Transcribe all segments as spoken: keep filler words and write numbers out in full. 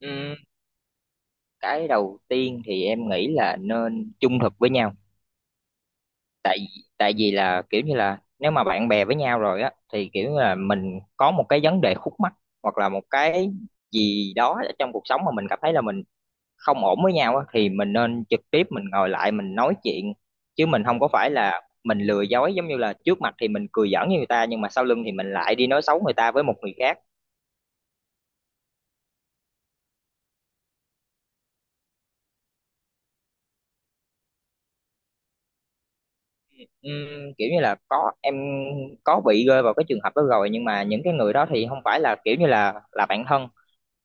Ừm, cái đầu tiên thì em nghĩ là nên trung thực với nhau. Tại tại vì là kiểu như là nếu mà bạn bè với nhau rồi á thì kiểu như là mình có một cái vấn đề khúc mắc hoặc là một cái gì đó ở trong cuộc sống mà mình cảm thấy là mình không ổn với nhau á, thì mình nên trực tiếp mình ngồi lại mình nói chuyện, chứ mình không có phải là mình lừa dối, giống như là trước mặt thì mình cười giỡn với người ta nhưng mà sau lưng thì mình lại đi nói xấu người ta với một người khác. Ừm, kiểu như là có, em có bị rơi vào cái trường hợp đó rồi, nhưng mà những cái người đó thì không phải là kiểu như là là bạn thân.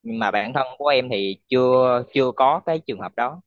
Nhưng mà bạn thân của em thì chưa chưa có cái trường hợp đó.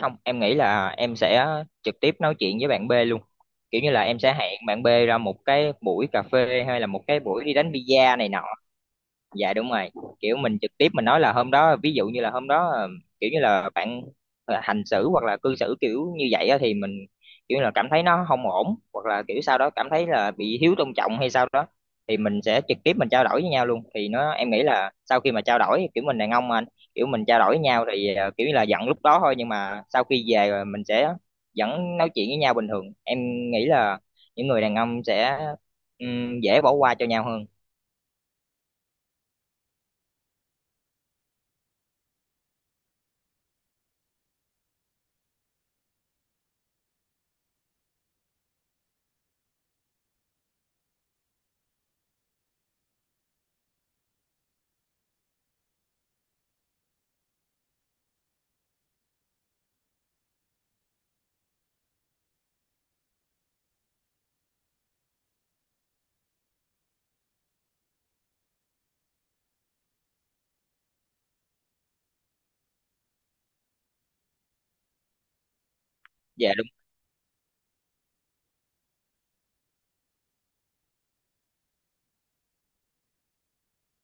Không, em nghĩ là em sẽ trực tiếp nói chuyện với bạn B luôn. Kiểu như là em sẽ hẹn bạn B ra một cái buổi cà phê hay là một cái buổi đi đánh bi-a này nọ. Dạ đúng rồi, kiểu mình trực tiếp mình nói là hôm đó, ví dụ như là hôm đó ờ, kiểu như là bạn ờ, hành xử hoặc là cư xử kiểu như vậy á, thì mình kiểu như là cảm thấy nó không ổn, hoặc là kiểu sau đó cảm thấy là bị thiếu tôn trọng hay sao đó, thì mình sẽ trực tiếp mình trao đổi với nhau luôn, thì nó em nghĩ là sau khi mà trao đổi kiểu mình đàn ông mà anh, kiểu mình trao đổi với nhau thì ờ, kiểu như là giận lúc đó thôi nhưng mà sau khi về rồi mình sẽ vẫn nói chuyện với nhau bình thường. Em nghĩ là những người đàn ông sẽ ừm, dễ bỏ qua cho nhau hơn. Dạ.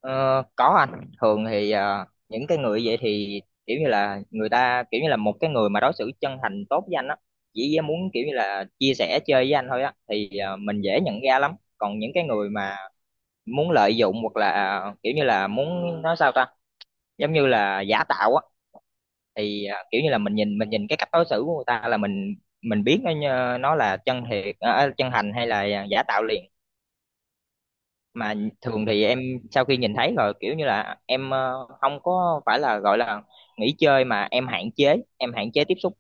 Ờ, có, anh thường thì ờ, những cái người vậy thì kiểu như là người ta kiểu như là một cái người mà đối xử chân thành tốt với anh á, chỉ muốn kiểu như là chia sẻ chơi với anh thôi á, thì ờ, mình dễ nhận ra lắm. Còn những cái người mà muốn lợi dụng hoặc là kiểu như là muốn nói sao ta, giống như là giả tạo á, thì ờ, kiểu như là mình nhìn mình nhìn cái cách đối xử của người ta là mình mình biết nó như- nó là chân thiệt, ờ, chân thành hay là ờ, giả tạo liền. Mà thường thì em sau khi nhìn thấy rồi kiểu như là em, ờ, không có phải là gọi là nghỉ chơi mà em hạn chế, em hạn chế tiếp xúc.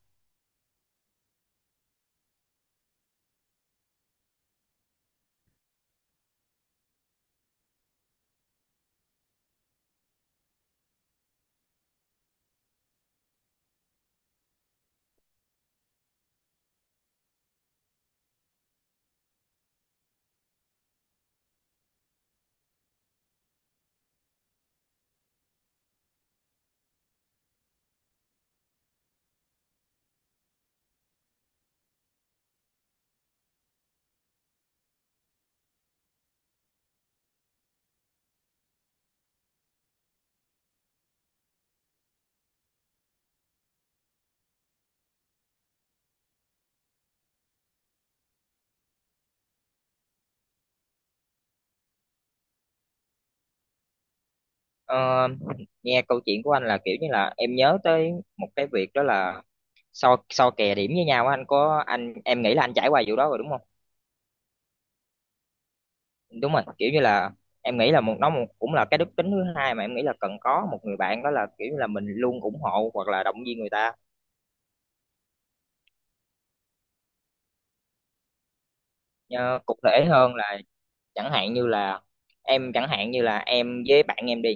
Ờ, nghe câu chuyện của anh là kiểu như là em nhớ tới một cái việc đó là so so kè điểm với nhau á, anh có, anh em nghĩ là anh trải qua vụ đó rồi đúng không. Đúng rồi, kiểu như là em nghĩ là một nó một, cũng là cái đức tính thứ hai mà em nghĩ là cần có một người bạn, đó là kiểu như là mình luôn ủng hộ hoặc là động viên người ta. Ờ, cụ thể hơn là chẳng hạn như là em, chẳng hạn như là em với bạn em đi,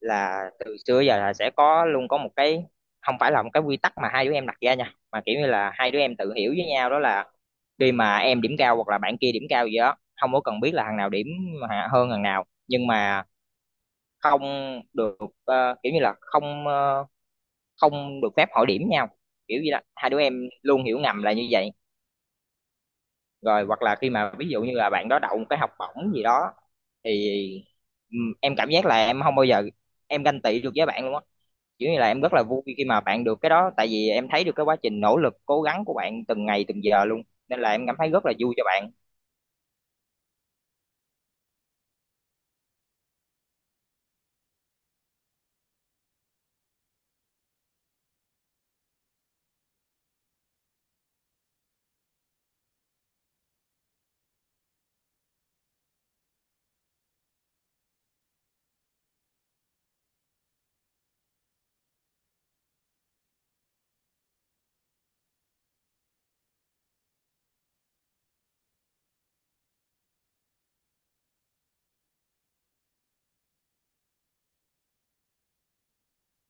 là từ xưa giờ là sẽ có luôn có một cái, không phải là một cái quy tắc mà hai đứa em đặt ra nha, mà kiểu như là hai đứa em tự hiểu với nhau, đó là khi mà em điểm cao hoặc là bạn kia điểm cao gì đó, không có cần biết là thằng nào điểm hạ- hơn thằng nào, nhưng mà không được, ờ, kiểu như là không, ờ, không được phép hỏi điểm nhau. Kiểu như là hai đứa em luôn hiểu ngầm là như vậy. Rồi hoặc là khi mà ví dụ như là bạn đó đậu một cái học bổng gì đó, thì ừm, em cảm giác là em không bao giờ em ganh tị được với bạn luôn á. Kiểu như là em rất là vui khi mà bạn được cái đó, tại vì em thấy được cái quá trình nỗ lực cố gắng của bạn từng ngày từng giờ luôn, nên là em cảm thấy rất là vui cho bạn.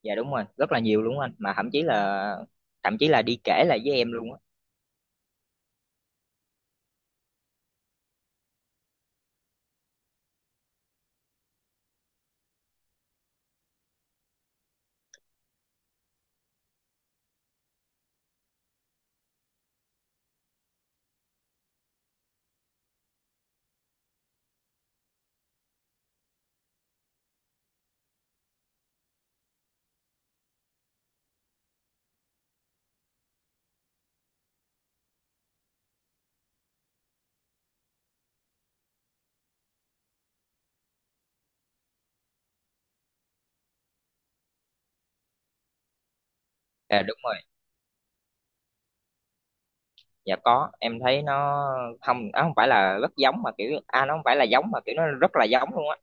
Dạ đúng rồi, rất là nhiều luôn anh, mà thậm chí là, thậm chí là đi kể lại với em luôn á. Dạ đúng rồi, dạ có, em thấy nó không, nó không phải là rất giống mà kiểu à, nó không phải là giống mà kiểu nó rất là giống luôn á.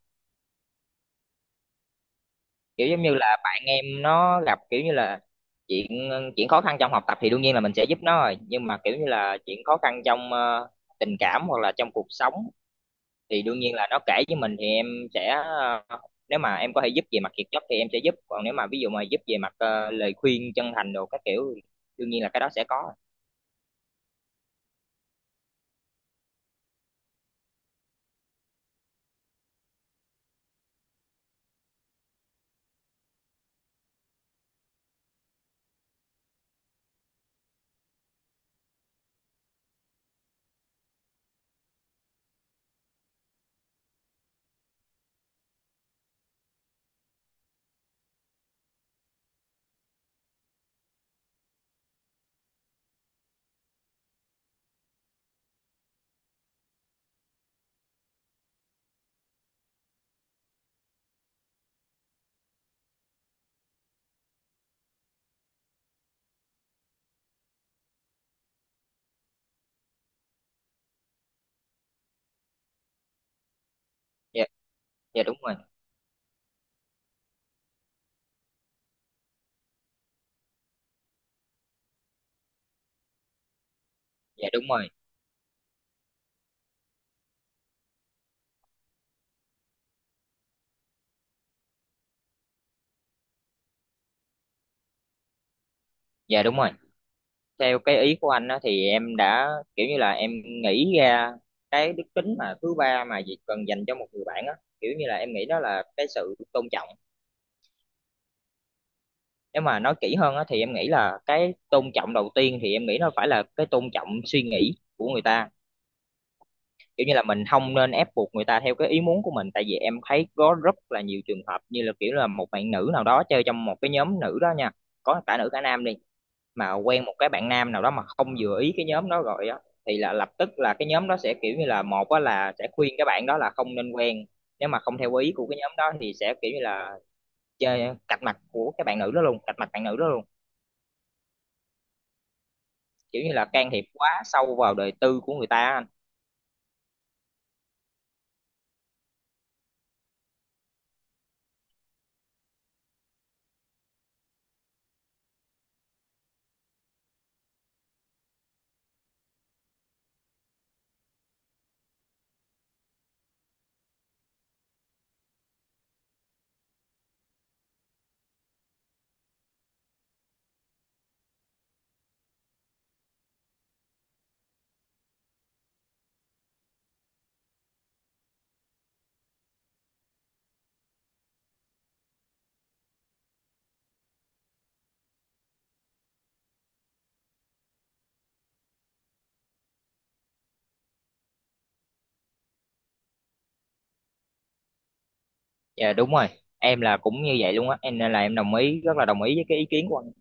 Kiểu giống như là bạn em nó gặp kiểu như là chuyện chuyện khó khăn trong học tập thì đương nhiên là mình sẽ giúp nó rồi, nhưng mà kiểu như là chuyện khó khăn trong ờ, tình cảm hoặc là trong cuộc sống, thì đương nhiên là nó kể với mình thì em sẽ ờ, nếu mà em có thể giúp về mặt kiệt chất thì em sẽ giúp, còn nếu mà ví dụ mà giúp về mặt ờ, lời khuyên chân thành đồ các kiểu thì đương nhiên là cái đó sẽ có. Dạ. Dạ đúng rồi. Dạ đúng rồi. Dạ đúng rồi. Theo cái ý của anh á thì em đã kiểu như là em nghĩ ra cái đức tính mà thứ ba mà Việt cần dành cho một người bạn á, kiểu như là em nghĩ đó là cái sự tôn trọng. Nếu mà nói kỹ hơn á thì em nghĩ là cái tôn trọng đầu tiên thì em nghĩ nó phải là cái tôn trọng suy nghĩ của người ta. Kiểu như là mình không nên ép buộc người ta theo cái ý muốn của mình, tại vì em thấy có rất là nhiều trường hợp như là kiểu là một bạn nữ nào đó chơi trong một cái nhóm nữ đó nha, có cả nữ cả nam đi, mà quen một cái bạn nam nào đó mà không vừa ý cái nhóm đó rồi á, thì là lập tức là cái nhóm đó sẽ kiểu như là một á là sẽ khuyên cái bạn đó là không nên quen. Nếu mà không theo ý của cái nhóm đó thì sẽ kiểu như là chơi cạch mặt của cái bạn nữ đó luôn, cạch mặt bạn nữ đó luôn. Kiểu như là can thiệp quá sâu vào đời tư của người ta. Dạ đúng rồi, em là cũng như vậy luôn á em, nên là em đồng ý, rất là đồng ý với cái ý kiến của anh.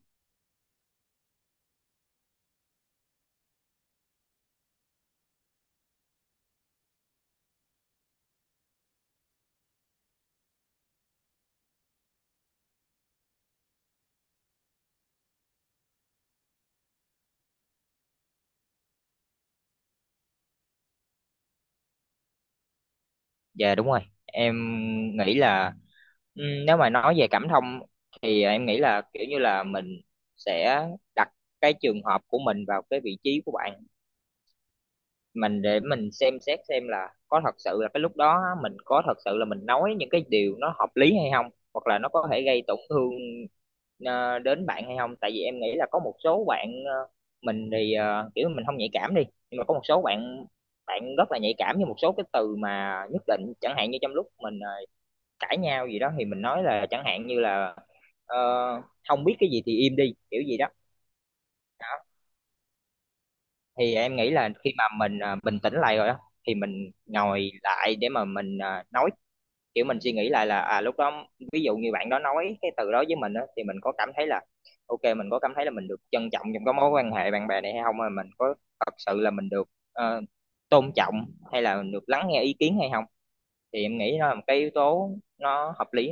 Dạ đúng rồi, em nghĩ là ừ, nếu mà nói về cảm thông thì em nghĩ là kiểu như là mình sẽ đặt cái trường hợp của mình vào cái vị trí của bạn mình, để mình xem xét xem là có thật sự là cái lúc đó á, mình có thật sự là mình nói những cái điều nó hợp lý hay không, hoặc là nó có thể gây tổn thương ờ, đến bạn hay không, tại vì em nghĩ là có một số bạn ờ, mình thì ờ, kiểu mình không nhạy cảm đi, nhưng mà có một số bạn, bạn rất là nhạy cảm với một số cái từ mà nhất định, chẳng hạn như trong lúc mình ờ, cãi nhau gì đó thì mình nói là chẳng hạn như là ờ, không biết cái gì thì im đi kiểu gì đó. À, thì em nghĩ là khi mà mình à, bình tĩnh lại rồi á thì mình ngồi lại để mà mình à, nói, kiểu mình suy nghĩ lại là à lúc đó, ví dụ như bạn đó nói cái từ đó với mình á thì mình có cảm thấy là ok, mình có cảm thấy là mình được trân trọng trong cái mối quan hệ bạn bè này hay không, mà mình có thật sự là mình được ờ, tôn trọng hay là mình được lắng nghe ý kiến hay không. Thì em nghĩ nó là một cái yếu tố nó hợp lý.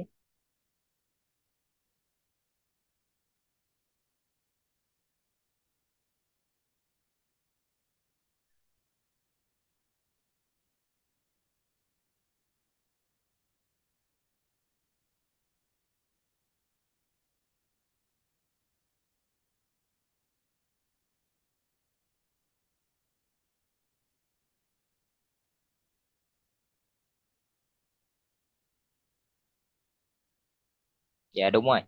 Dạ đúng rồi.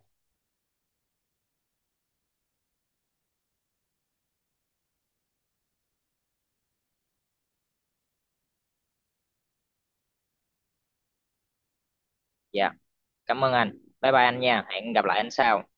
Dạ cảm ơn anh. Bye bye anh nha, hẹn gặp lại anh sau.